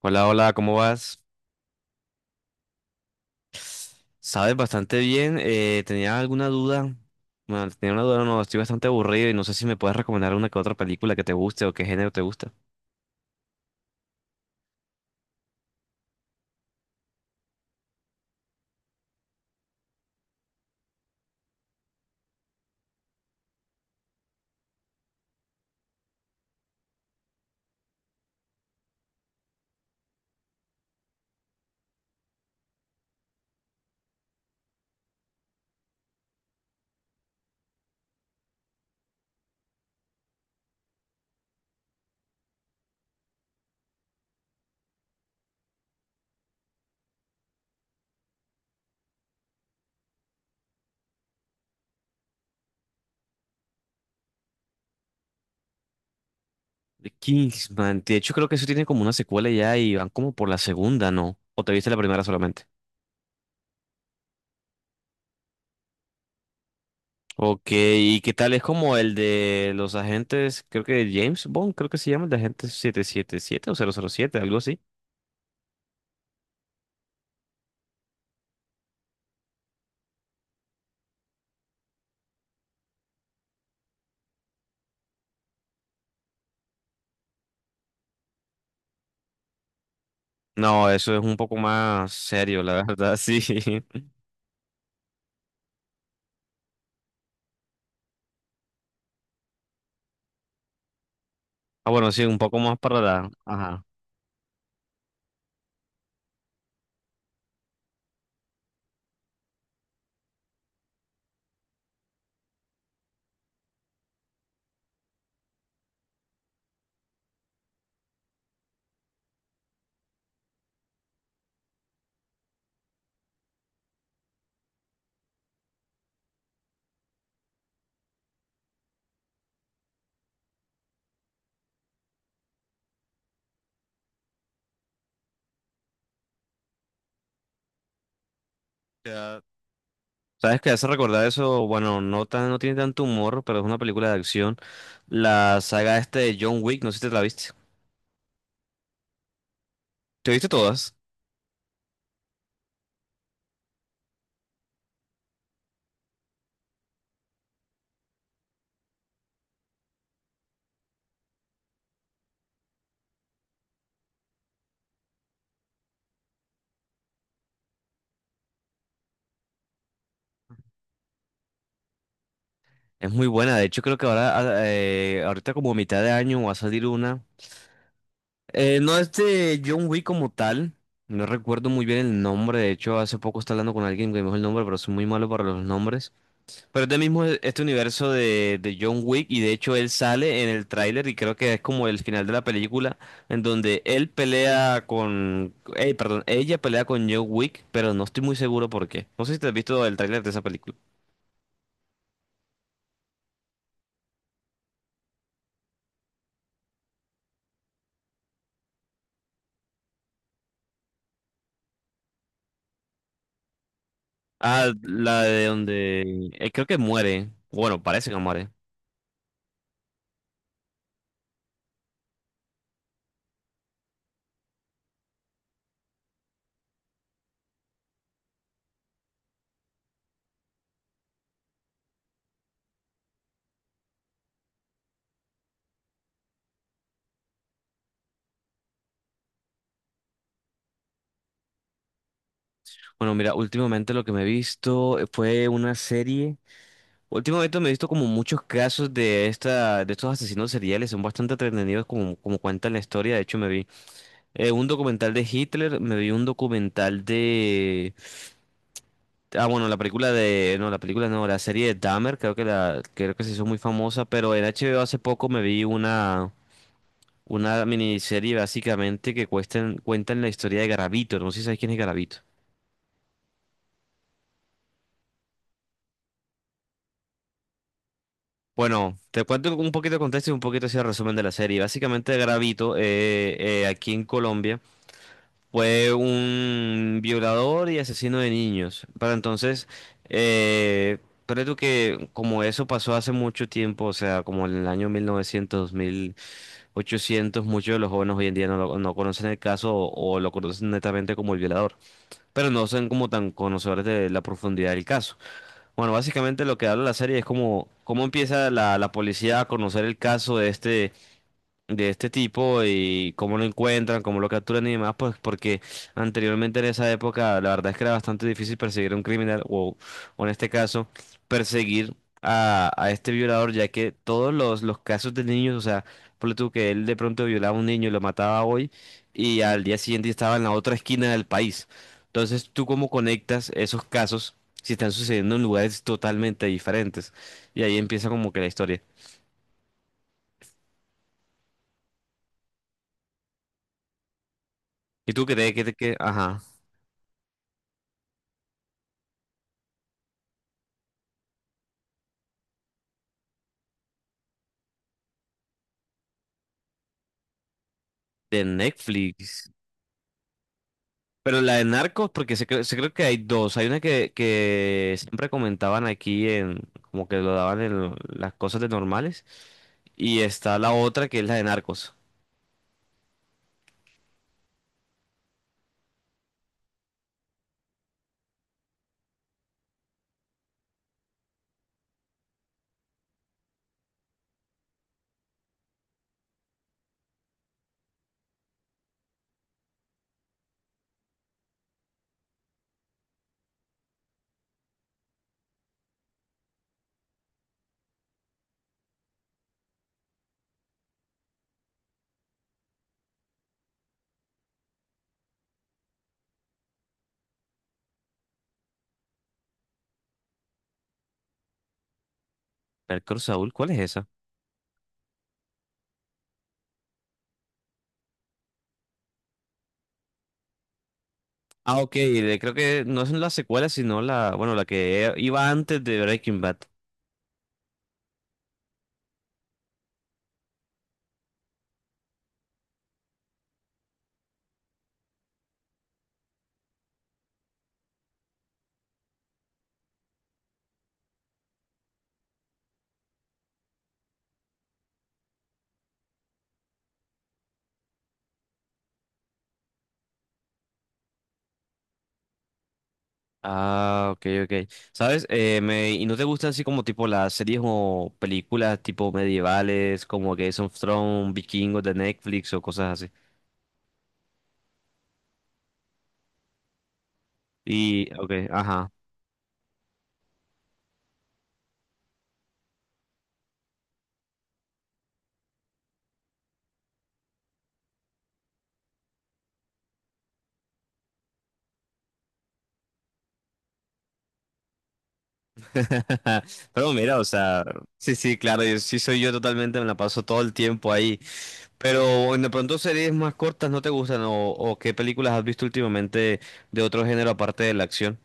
Hola, hola, ¿cómo vas? Sabes bastante bien. ¿Tenía alguna duda? Bueno, tenía una duda, no, estoy bastante aburrido y no sé si me puedes recomendar una que otra película que te guste o qué género te gusta. The Kingsman, de hecho creo que eso tiene como una secuela ya y van como por la segunda, ¿no? ¿O te viste la primera solamente? Ok, ¿y qué tal es como el de los agentes, creo que James Bond, creo que se llama el de agente 777 o 007 algo así? No, eso es un poco más serio, la verdad, sí. Ah, bueno, sí, un poco más para la... ajá. sea, ¿sabes qué hace recordar eso? Bueno, no tan, no tiene tanto humor, pero es una película de acción. La saga este de John Wick, no sé si te la viste. ¿Te viste todas? Es muy buena. De hecho, creo que ahora, ah, ahorita como a mitad de año va a salir una. No es de John Wick como tal. No recuerdo muy bien el nombre. De hecho, hace poco estaba hablando con alguien que me dijo el nombre, pero soy muy malo para los nombres. Pero es del mismo este universo de John Wick y de hecho él sale en el tráiler y creo que es como el final de la película en donde él pelea con... perdón, ella pelea con John Wick, pero no estoy muy seguro por qué. No sé si te has visto el tráiler de esa película. Ah, la de donde... creo que muere. Bueno, parece que muere. Bueno, mira, últimamente lo que me he visto fue una serie. Últimamente me he visto como muchos casos de estos asesinos seriales, son bastante entretenidos como cuentan la historia. De hecho, me vi un documental de Hitler, me vi un documental de... Ah, bueno, la película de... No, la película no, la serie de Dahmer, creo que la... creo que se hizo muy famosa, pero en HBO hace poco me vi una miniserie básicamente que cuentan la historia de Garavito, no sé si sabes quién es Garavito. Bueno, te cuento un poquito de contexto y un poquito así el resumen de la serie. Básicamente Garavito, aquí en Colombia. Fue un violador y asesino de niños. Pero entonces, eh, pero tú que como eso pasó hace mucho tiempo, o sea, como en el año mil novecientos mil ochocientos, muchos de los jóvenes hoy en día no, no conocen el caso o lo conocen netamente como el violador, pero no son como tan conocedores de la profundidad del caso. Bueno, básicamente lo que habla la serie es como cómo empieza la policía a conocer el caso de este tipo y cómo lo encuentran, cómo lo capturan y demás, pues porque anteriormente en esa época la verdad es que era bastante difícil perseguir a un criminal o en este caso perseguir a este violador, ya que todos los casos de niños, o sea, ponle tú que él de pronto violaba a un niño y lo mataba hoy y al día siguiente estaba en la otra esquina del país. Entonces, ¿tú cómo conectas esos casos si están sucediendo en lugares totalmente diferentes? Y ahí empieza como que la historia. ¿Y tú crees que, te que, ajá? De Netflix. Pero la de Narcos, porque se creo que hay dos. Hay una que siempre comentaban aquí en, como que lo daban en las cosas de normales. Y está la otra que es la de Narcos. Narcos Saúl, ¿cuál es esa? Ah, ok, creo que no es la secuela, sino la, bueno, la que iba antes de Breaking Bad. Ah, ok, ok. ¿Sabes? Me, ¿y no te gustan así como tipo las series o películas tipo medievales, como Game of Thrones, Vikingos de Netflix o cosas así? Y, ok, ajá. Pero mira, o sea, sí, sí, claro, yo, sí soy yo totalmente, me la paso todo el tiempo ahí. Pero bueno, de pronto series más cortas no te gustan o qué películas has visto últimamente de otro género aparte de la acción.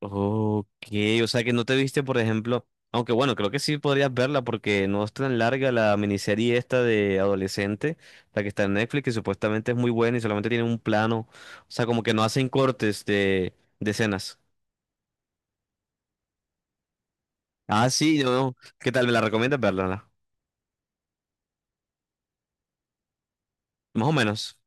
Ok, o sea que no te viste, por ejemplo, aunque bueno, creo que sí podrías verla porque no es tan larga la miniserie esta de adolescente, la que está en Netflix, que supuestamente es muy buena y solamente tiene un plano, o sea, como que no hacen cortes de escenas. Ah, sí, yo, ¿qué tal? Me la recomiendas verla, más o menos.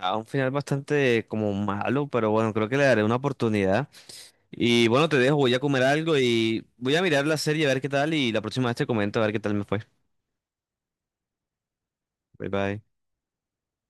A un final bastante como malo, pero bueno, creo que le daré una oportunidad. Y bueno, te dejo, voy a comer algo y voy a mirar la serie a ver qué tal y la próxima vez te comento a ver qué tal me fue. Bye bye.